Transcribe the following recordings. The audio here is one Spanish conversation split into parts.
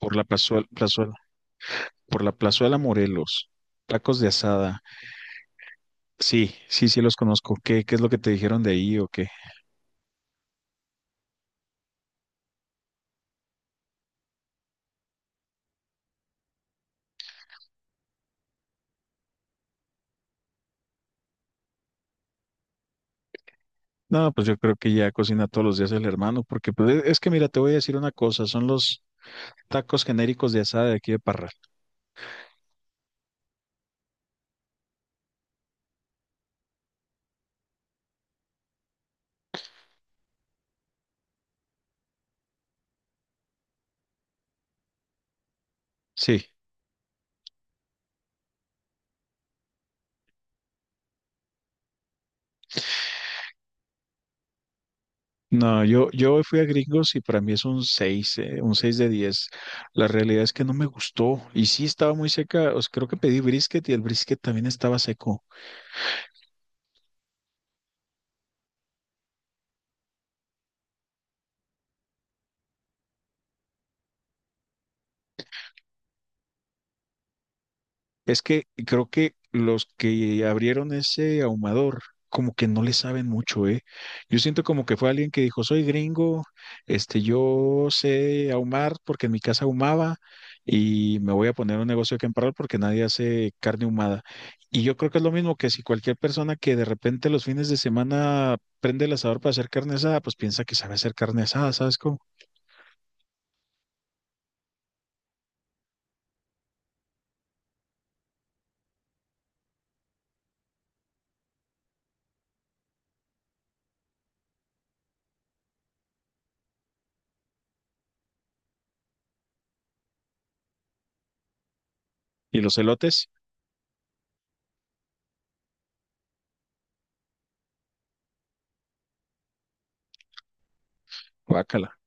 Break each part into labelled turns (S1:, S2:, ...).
S1: Por la por la plazuela Morelos. Tacos de asada. Sí, sí, sí los conozco. ¿Qué es lo que te dijeron de ahí o qué? No, pues yo creo que ya cocina todos los días el hermano, porque pues, es que mira, te voy a decir una cosa, son los tacos genéricos de asada de aquí de Parral. Sí. No, yo fui a Gringos y para mí es un 6 de diez. La realidad es que no me gustó y sí estaba muy seca, o sea, creo que pedí brisket y el brisket también estaba seco. Es que creo que los que abrieron ese ahumador, como que no le saben mucho, ¿eh? Yo siento como que fue alguien que dijo, soy gringo, este, yo sé ahumar porque en mi casa ahumaba y me voy a poner un negocio aquí en Parral porque nadie hace carne ahumada. Y yo creo que es lo mismo que si cualquier persona que de repente los fines de semana prende el asador para hacer carne asada, pues piensa que sabe hacer carne asada, ¿sabes cómo? Y los elotes, guácala.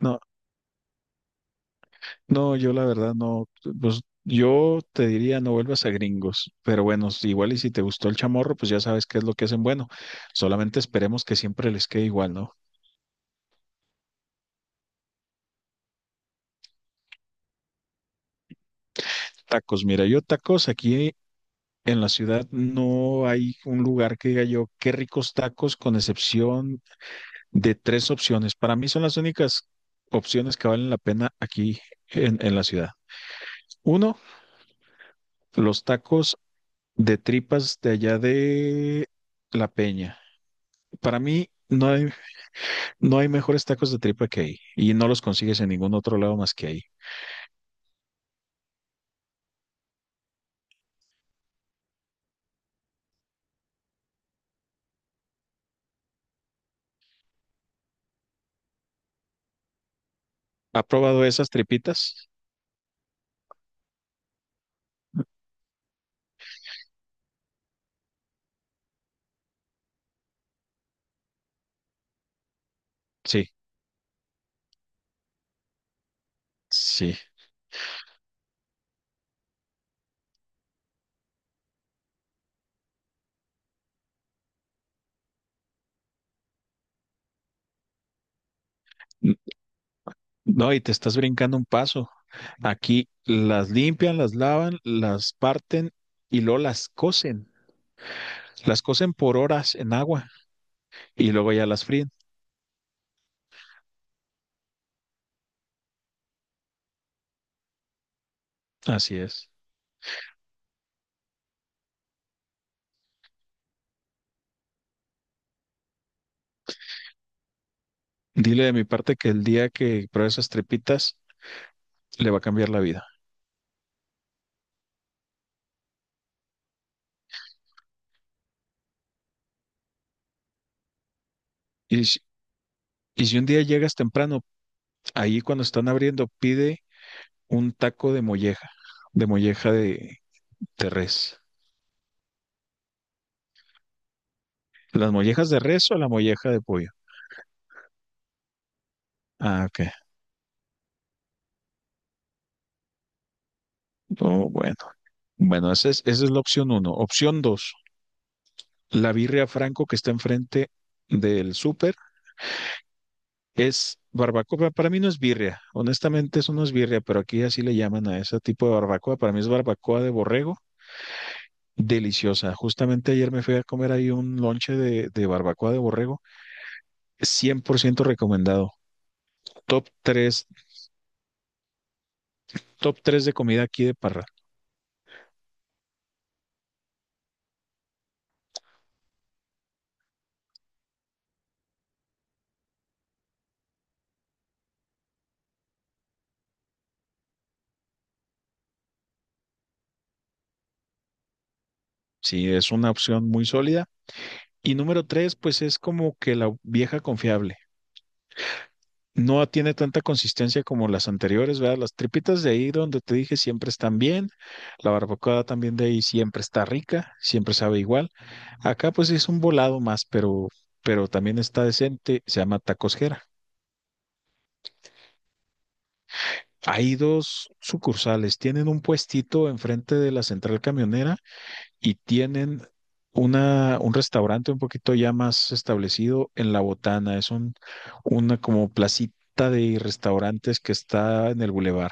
S1: No, no, yo la verdad no, pues yo te diría no vuelvas a Gringos, pero bueno, si- igual y si te gustó el chamorro, pues ya sabes qué es lo que hacen bueno. Solamente esperemos que siempre les quede igual, ¿no? Tacos, mira, yo tacos aquí en la ciudad no hay un lugar que diga yo qué ricos tacos, con excepción de tres opciones. Para mí son las únicas opciones que valen la pena aquí en la ciudad. Uno, los tacos de tripas de allá de La Peña. Para mí no hay. No hay mejores tacos de tripa que ahí y no los consigues en ningún otro lado más que ahí. ¿Ha probado esas tripitas? Sí, sí. N-. No, y te estás brincando un paso. Aquí las limpian, las lavan, las parten y luego las cocen. Las cocen por horas en agua y luego ya las fríen. Así es. Dile de mi parte que el día que pruebe esas tripitas le va a cambiar la vida. Y si, y si un día llegas temprano, ahí cuando están abriendo, pide un taco de molleja, de molleja de, de res. ¿Las mollejas de res o la molleja de pollo? Ah, ok. Oh, bueno. Bueno, esa es la opción uno. Opción dos, la birria Franco que está enfrente del súper es barbacoa. Para mí no es birria. Honestamente, eso no es birria, pero aquí así le llaman a ese tipo de barbacoa. Para mí es barbacoa de borrego. Deliciosa. Justamente ayer me fui a comer ahí un lonche de barbacoa de borrego. 100% recomendado. Top 3 top 3 de comida aquí de Parra. Sí, es una opción muy sólida. Y número tres, pues es como que la vieja confiable. No tiene tanta consistencia como las anteriores, ¿verdad? Las tripitas de ahí donde te dije siempre están bien, la barbacoa también de ahí siempre está rica, siempre sabe igual. Acá pues es un volado más, pero también está decente, se llama Tacos Jera. Hay dos sucursales, tienen un puestito enfrente de la central camionera y tienen una, un restaurante un poquito ya más establecido en La Botana. Es un, una como placita de restaurantes que está en el bulevar.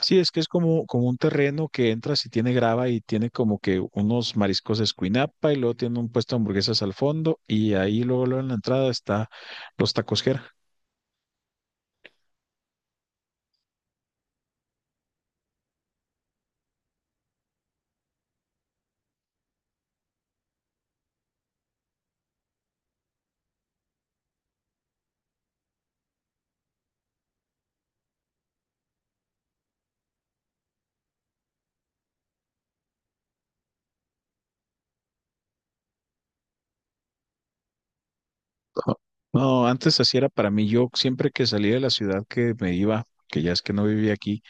S1: Sí, es que es como, como un terreno que entras y tiene grava y tiene como que unos mariscos de Escuinapa y luego tiene un puesto de hamburguesas al fondo y ahí luego, luego en la entrada está los tacos Jera. No, no, antes así era para mí. Yo siempre que salía de la ciudad que me iba, que ya es que no vivía aquí,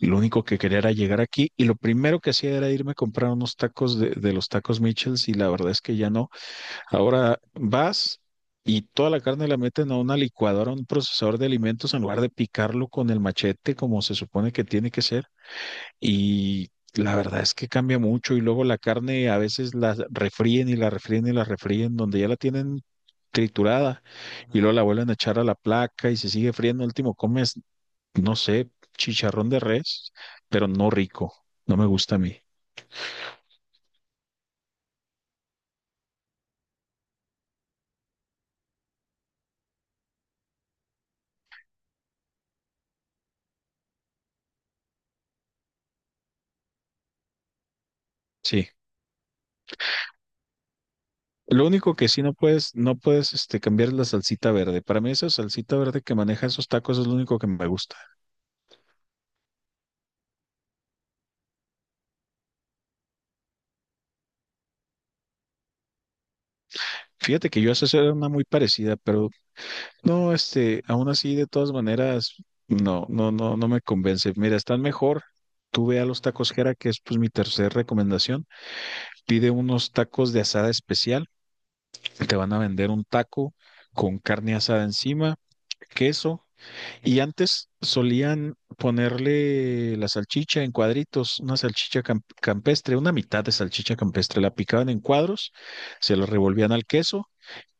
S1: lo único que quería era llegar aquí y lo primero que hacía era irme a comprar unos tacos de los tacos Michels y la verdad es que ya no. Ahora vas y toda la carne la meten a una licuadora, a un procesador de alimentos en lugar de picarlo con el machete como se supone que tiene que ser. Y la verdad es que cambia mucho y luego la carne a veces la refríen y la refríen y la refríen donde ya la tienen triturada y luego la vuelven a echar a la placa y se sigue friendo. Al último comes no sé, chicharrón de res, pero no rico. No me gusta a mí. Sí. Lo único que sí no puedes, este, cambiar es la salsita verde. Para mí esa salsita verde que maneja esos tacos es lo único que me gusta. Fíjate que yo hace era una muy parecida, pero no, este, aún así, de todas maneras, no me convence. Mira, están mejor. Tú ve a los tacos Jera, que es pues mi tercera recomendación. Pide unos tacos de asada especial. Te van a vender un taco con carne asada encima, queso. Y antes solían ponerle la salchicha en cuadritos, una salchicha campestre, una mitad de salchicha campestre. La picaban en cuadros, se la revolvían al queso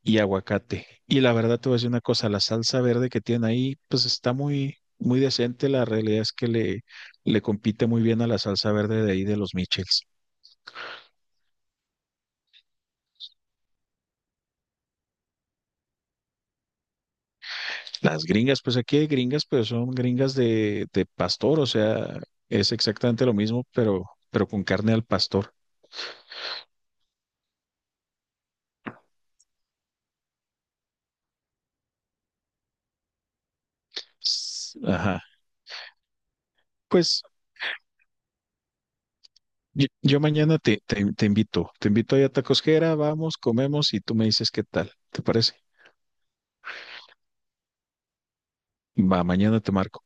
S1: y aguacate. Y la verdad te voy a decir una cosa, la salsa verde que tienen ahí, pues está muy, muy decente. La realidad es que le compite muy bien a la salsa verde de ahí de los Michels. Las gringas, pues aquí hay gringas, pero son gringas de pastor, o sea, es exactamente lo mismo, pero con carne al pastor. S-. Ajá. Pues yo mañana te, te invito, te invito ahí a Tacosquera, vamos, comemos y tú me dices qué tal, ¿te parece? Va, mañana te marco.